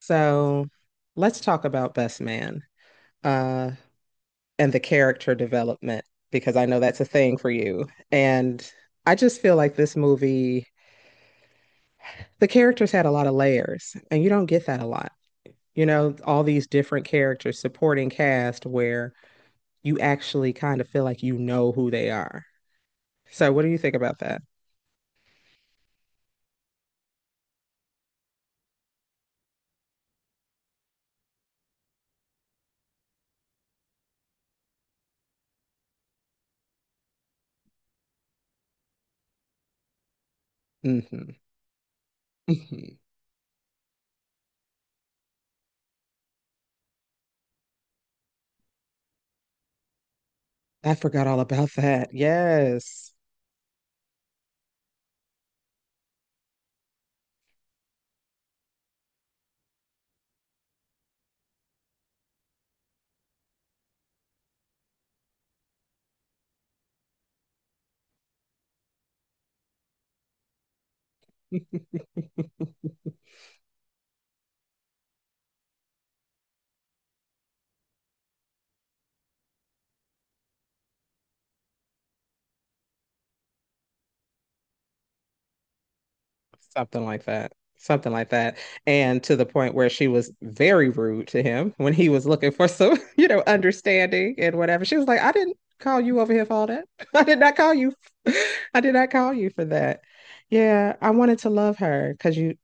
So let's talk about Best Man, uh, and the character development, because I know that's a thing for you. And I just feel like this movie, the characters had a lot of layers, and you don't get that a lot. You know, all these different characters, supporting cast, where you actually kind of feel like you know who they are. So, what do you think about that? Hmm. Hmm. I forgot all about that. Yes. something like that, something like that. And to the point where she was very rude to him when he was looking for some, understanding and whatever. She was like, "I didn't call you over here for all that. I did not call you. I did not call you for that." Yeah, I wanted to love her because, you,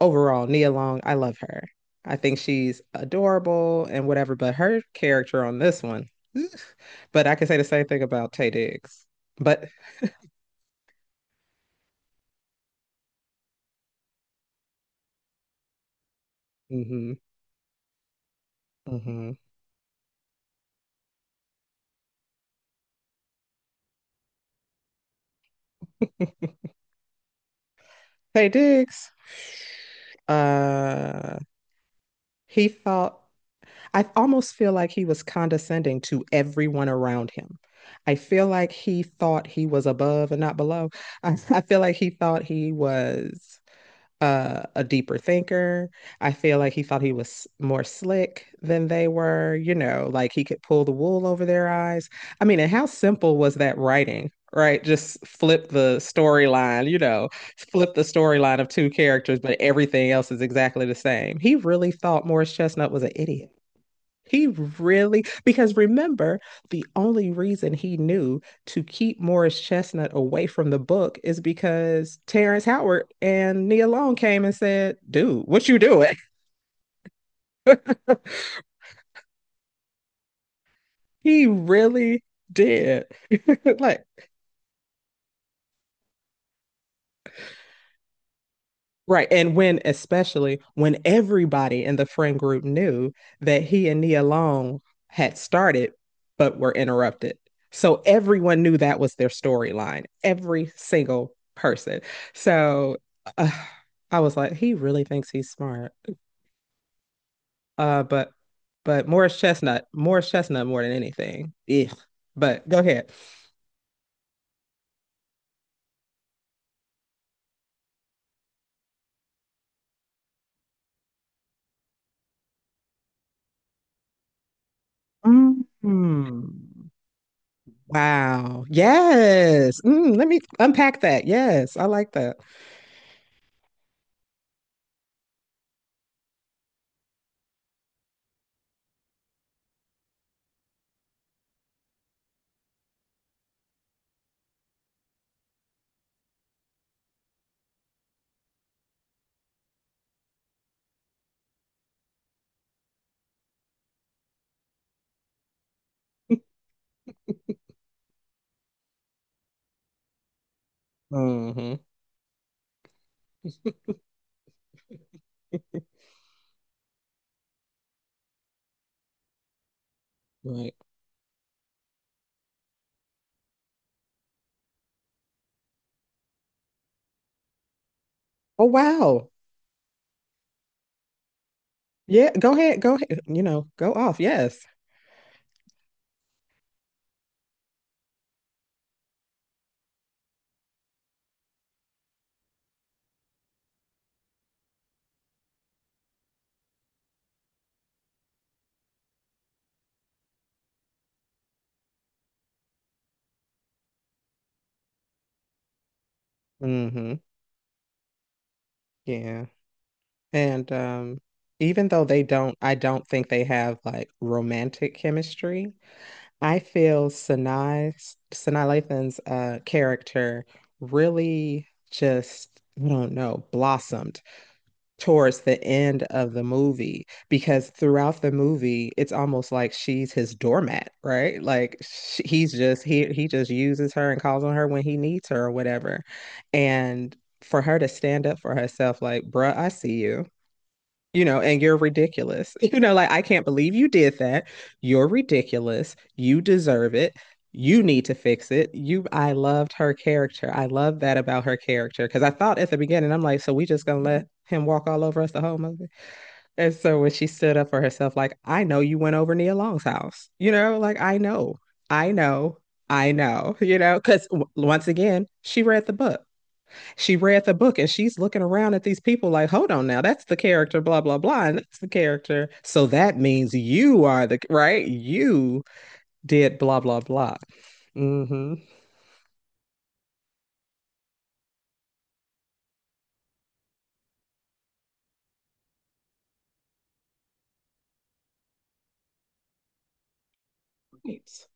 overall, Nia Long, I love her. I think she's adorable and whatever, but her character on this one. But I can say the same thing about Tay Diggs. But mm-hmm, mm-hmm. Tay Diggs, uh he felt, I almost feel like he was condescending to everyone around him. I feel like he thought he was above and not below. I feel like he thought he was a deeper thinker. I feel like he thought he was more slick than they were, you know, like he could pull the wool over their eyes. I mean, and how simple was that writing, right? Just flip the storyline, you know, flip the storyline of two characters, but everything else is exactly the same. He really thought Morris Chestnut was an idiot. He really, because remember, the only reason he knew to keep Morris Chestnut away from the book is because Terrence Howard and Nia Long came and said, "Dude, what you doing?" He really did. Like, right. And when, especially when everybody in the friend group knew that he and Nia Long had started but were interrupted. So everyone knew that was their storyline, every single person. So, uh, I was like, he really thinks he's smart. Uh, but but Morris Chestnut, Morris Chestnut more than anything. Ugh. But go ahead. Mm. Wow. Yes. Mm, let me unpack that. Yes, I like that. Hmm. Right. Oh, wow. Yeah, go ahead, you know, go off. Yes. Hmm. Yeah. And even though they don't, I don't think they have like romantic chemistry, I feel Sanai's Sanaa Lathan's character really just, I don't know, blossomed towards the end of the movie, because throughout the movie it's almost like she's his doormat, right? Like sh he's just, he just uses her and calls on her when he needs her or whatever. And for her to stand up for herself, like, bruh, I see you, you know, and you're ridiculous. You know, like, I can't believe you did that. You're ridiculous. You deserve it. You need to fix it. You, I loved her character. I love that about her character because I thought at the beginning, I'm like, so we just gonna let him walk all over us the whole movie. And so when she stood up for herself, like, I know you went over Nia Long's house. You know, like, I know, I know, I know, you know, because once again, she read the book, she read the book, and she's looking around at these people like, hold on now, that's the character, blah, blah, blah. And that's the character. So that means you are the right. You did blah, blah, blah. Mm-hmm. Right.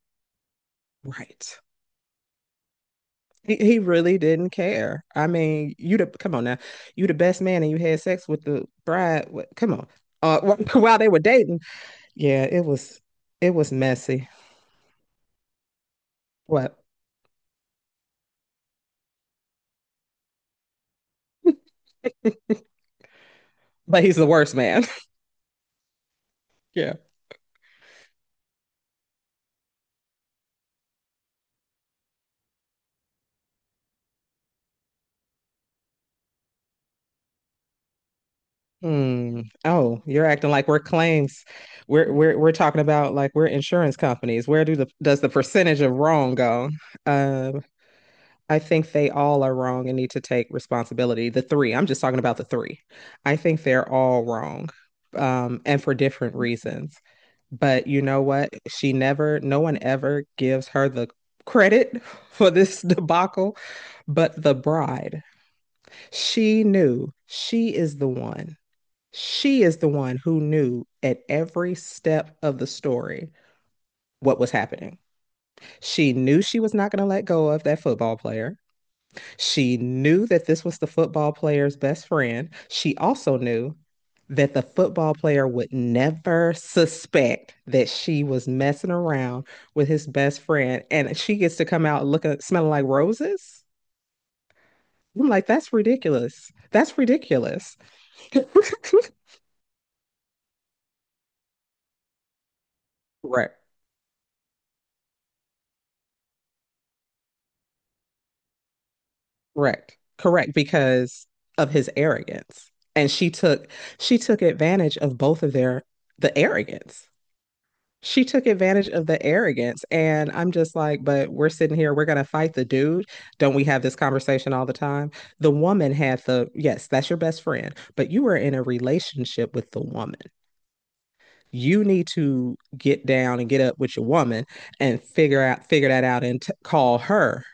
Right. He really didn't care. I mean, you the, come on now, you the best man and you had sex with the bride. What, come on. Uh, while they were dating, yeah, it was, it was messy. What? But he's the worst man. yeah. Hmm. Oh, you're acting like we're claims. We're talking about like we're insurance companies. Where do the, does the percentage of wrong go? Um, I think they all are wrong and need to take responsibility. The three. I'm just talking about the three. I think they're all wrong, and for different reasons. But you know what? She never. No one ever gives her the credit for this debacle, but the bride. She knew, she is the one, she is the one who knew at every step of the story what was happening. She knew she was not going to let go of that football player. She knew that this was the football player's best friend. She also knew that the football player would never suspect that she was messing around with his best friend. And she gets to come out looking, smelling like roses. I'm like, that's ridiculous. That's ridiculous. Right. Correct. Correct. Because of his arrogance. And she took, she took advantage of both of their, the arrogance. She took advantage of the arrogance. And I'm just like, but we're sitting here, we're gonna fight the dude. Don't we have this conversation all the time? The woman had the, yes, that's your best friend, but you were in a relationship with the woman. You need to get down and get up with your woman and figure out, figure that out, and call her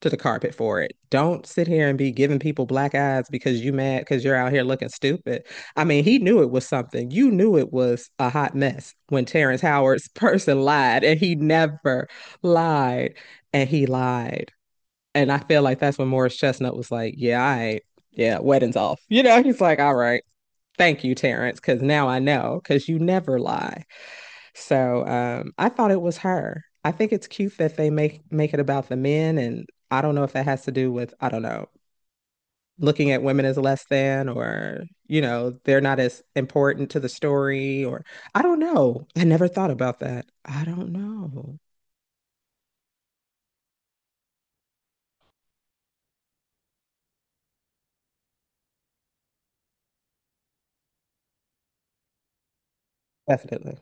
to the carpet for it. Don't sit here and be giving people black eyes because you mad because you're out here looking stupid. I mean, he knew it was something. You knew it was a hot mess when Terrence Howard's person lied, and he never lied, and he lied. And I feel like that's when Morris Chestnut was like, "Yeah, I, yeah, wedding's off." You know, he's like, "All right, thank you, Terrence, because now I know because you never lie." So I thought it was her. I think it's cute that they make it about the men, and I don't know if that has to do with, I don't know, looking at women as less than, or, you know, they're not as important to the story, or I don't know. I never thought about that. I don't know. Definitely.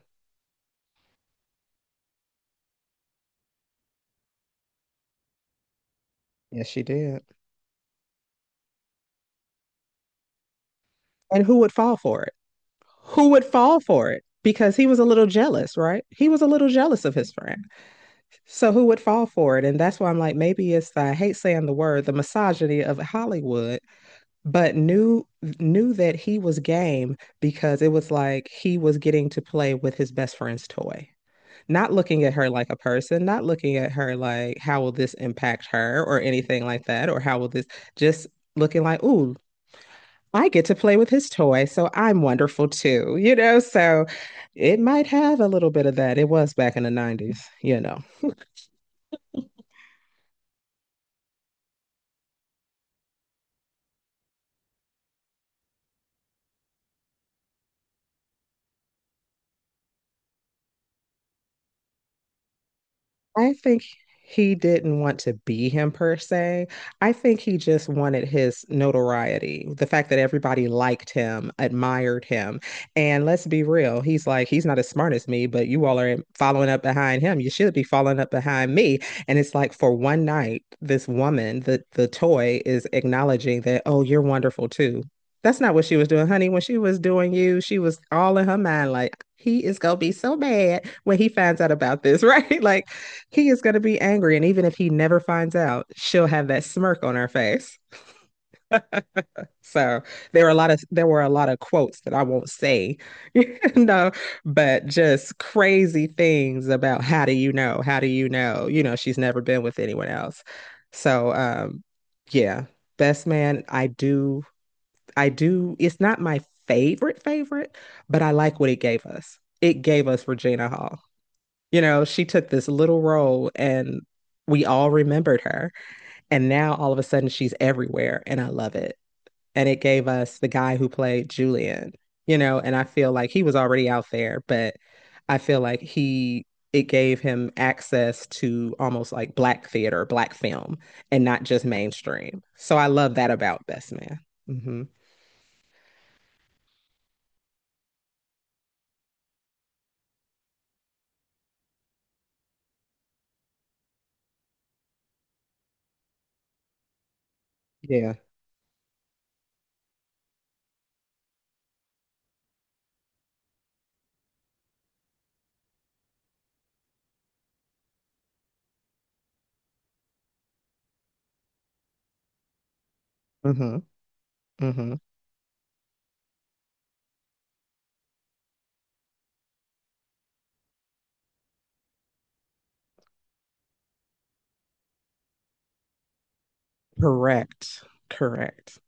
Yes, she did. And who would fall for it? Who would fall for it? Because he was a little jealous, right? He was a little jealous of his friend. So who would fall for it? And that's why I'm like, maybe it's the, I hate saying the word, the misogyny of Hollywood, but knew, knew that he was game because it was like he was getting to play with his best friend's toy. Not looking at her like a person, not looking at her like how will this impact her or anything like that, or how will this, just looking like, ooh, I get to play with his toy, so I'm wonderful too, you know? So it might have a little bit of that. It was back in the 90s, you know. I think he didn't want to be him per se. I think he just wanted his notoriety, the fact that everybody liked him, admired him. And let's be real, he's like, he's not as smart as me, but you all are following up behind him. You should be following up behind me. And it's like for one night, this woman, the toy is acknowledging that, oh, you're wonderful too. That's not what she was doing, honey. When she was doing you, she was all in her mind, like, he is gonna be so mad when he finds out about this, right? like, he is gonna be angry. And even if he never finds out, she'll have that smirk on her face. So there were a lot of quotes that I won't say, you know, but just crazy things about, how do you know? How do you know? You know, she's never been with anyone else. So um, yeah, Best Man, I do, it's not my favorite favorite, but I like what it gave us. It gave us Regina Hall. You know, she took this little role and we all remembered her. And now all of a sudden she's everywhere and I love it, and it gave us the guy who played Julian, you know, and I feel like he was already out there, but I feel like he, it gave him access to almost like black theater, black film, and not just mainstream. So I love that about Best Man. Mm-hmm. Yeah. Mm-hmm. Mm-hmm. Correct. Correct.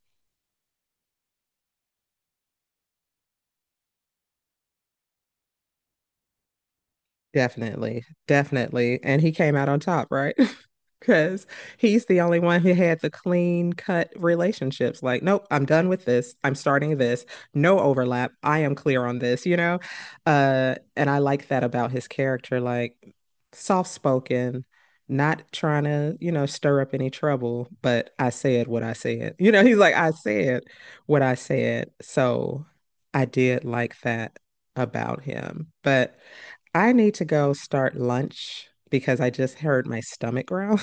Definitely. Definitely. And he came out on top, right? Because he's the only one who had the clean cut relationships. Like, nope, I'm done with this. I'm starting this. No overlap. I am clear on this, you know? And I like that about his character, like, soft spoken, not trying to, you know, stir up any trouble, but I said what I said. You know, he's like, I said what I said. So I did like that about him. But I need to go start lunch because I just heard my stomach growl.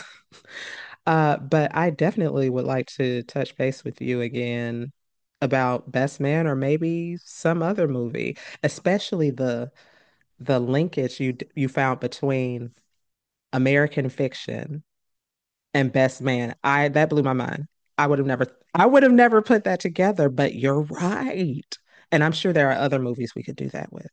But I definitely would like to touch base with you again about Best Man or maybe some other movie, especially the, linkage you you found between American Fiction and Best Man. I, that blew my mind. I would have never I would have never put that together, but you're right. And I'm sure there are other movies we could do that with.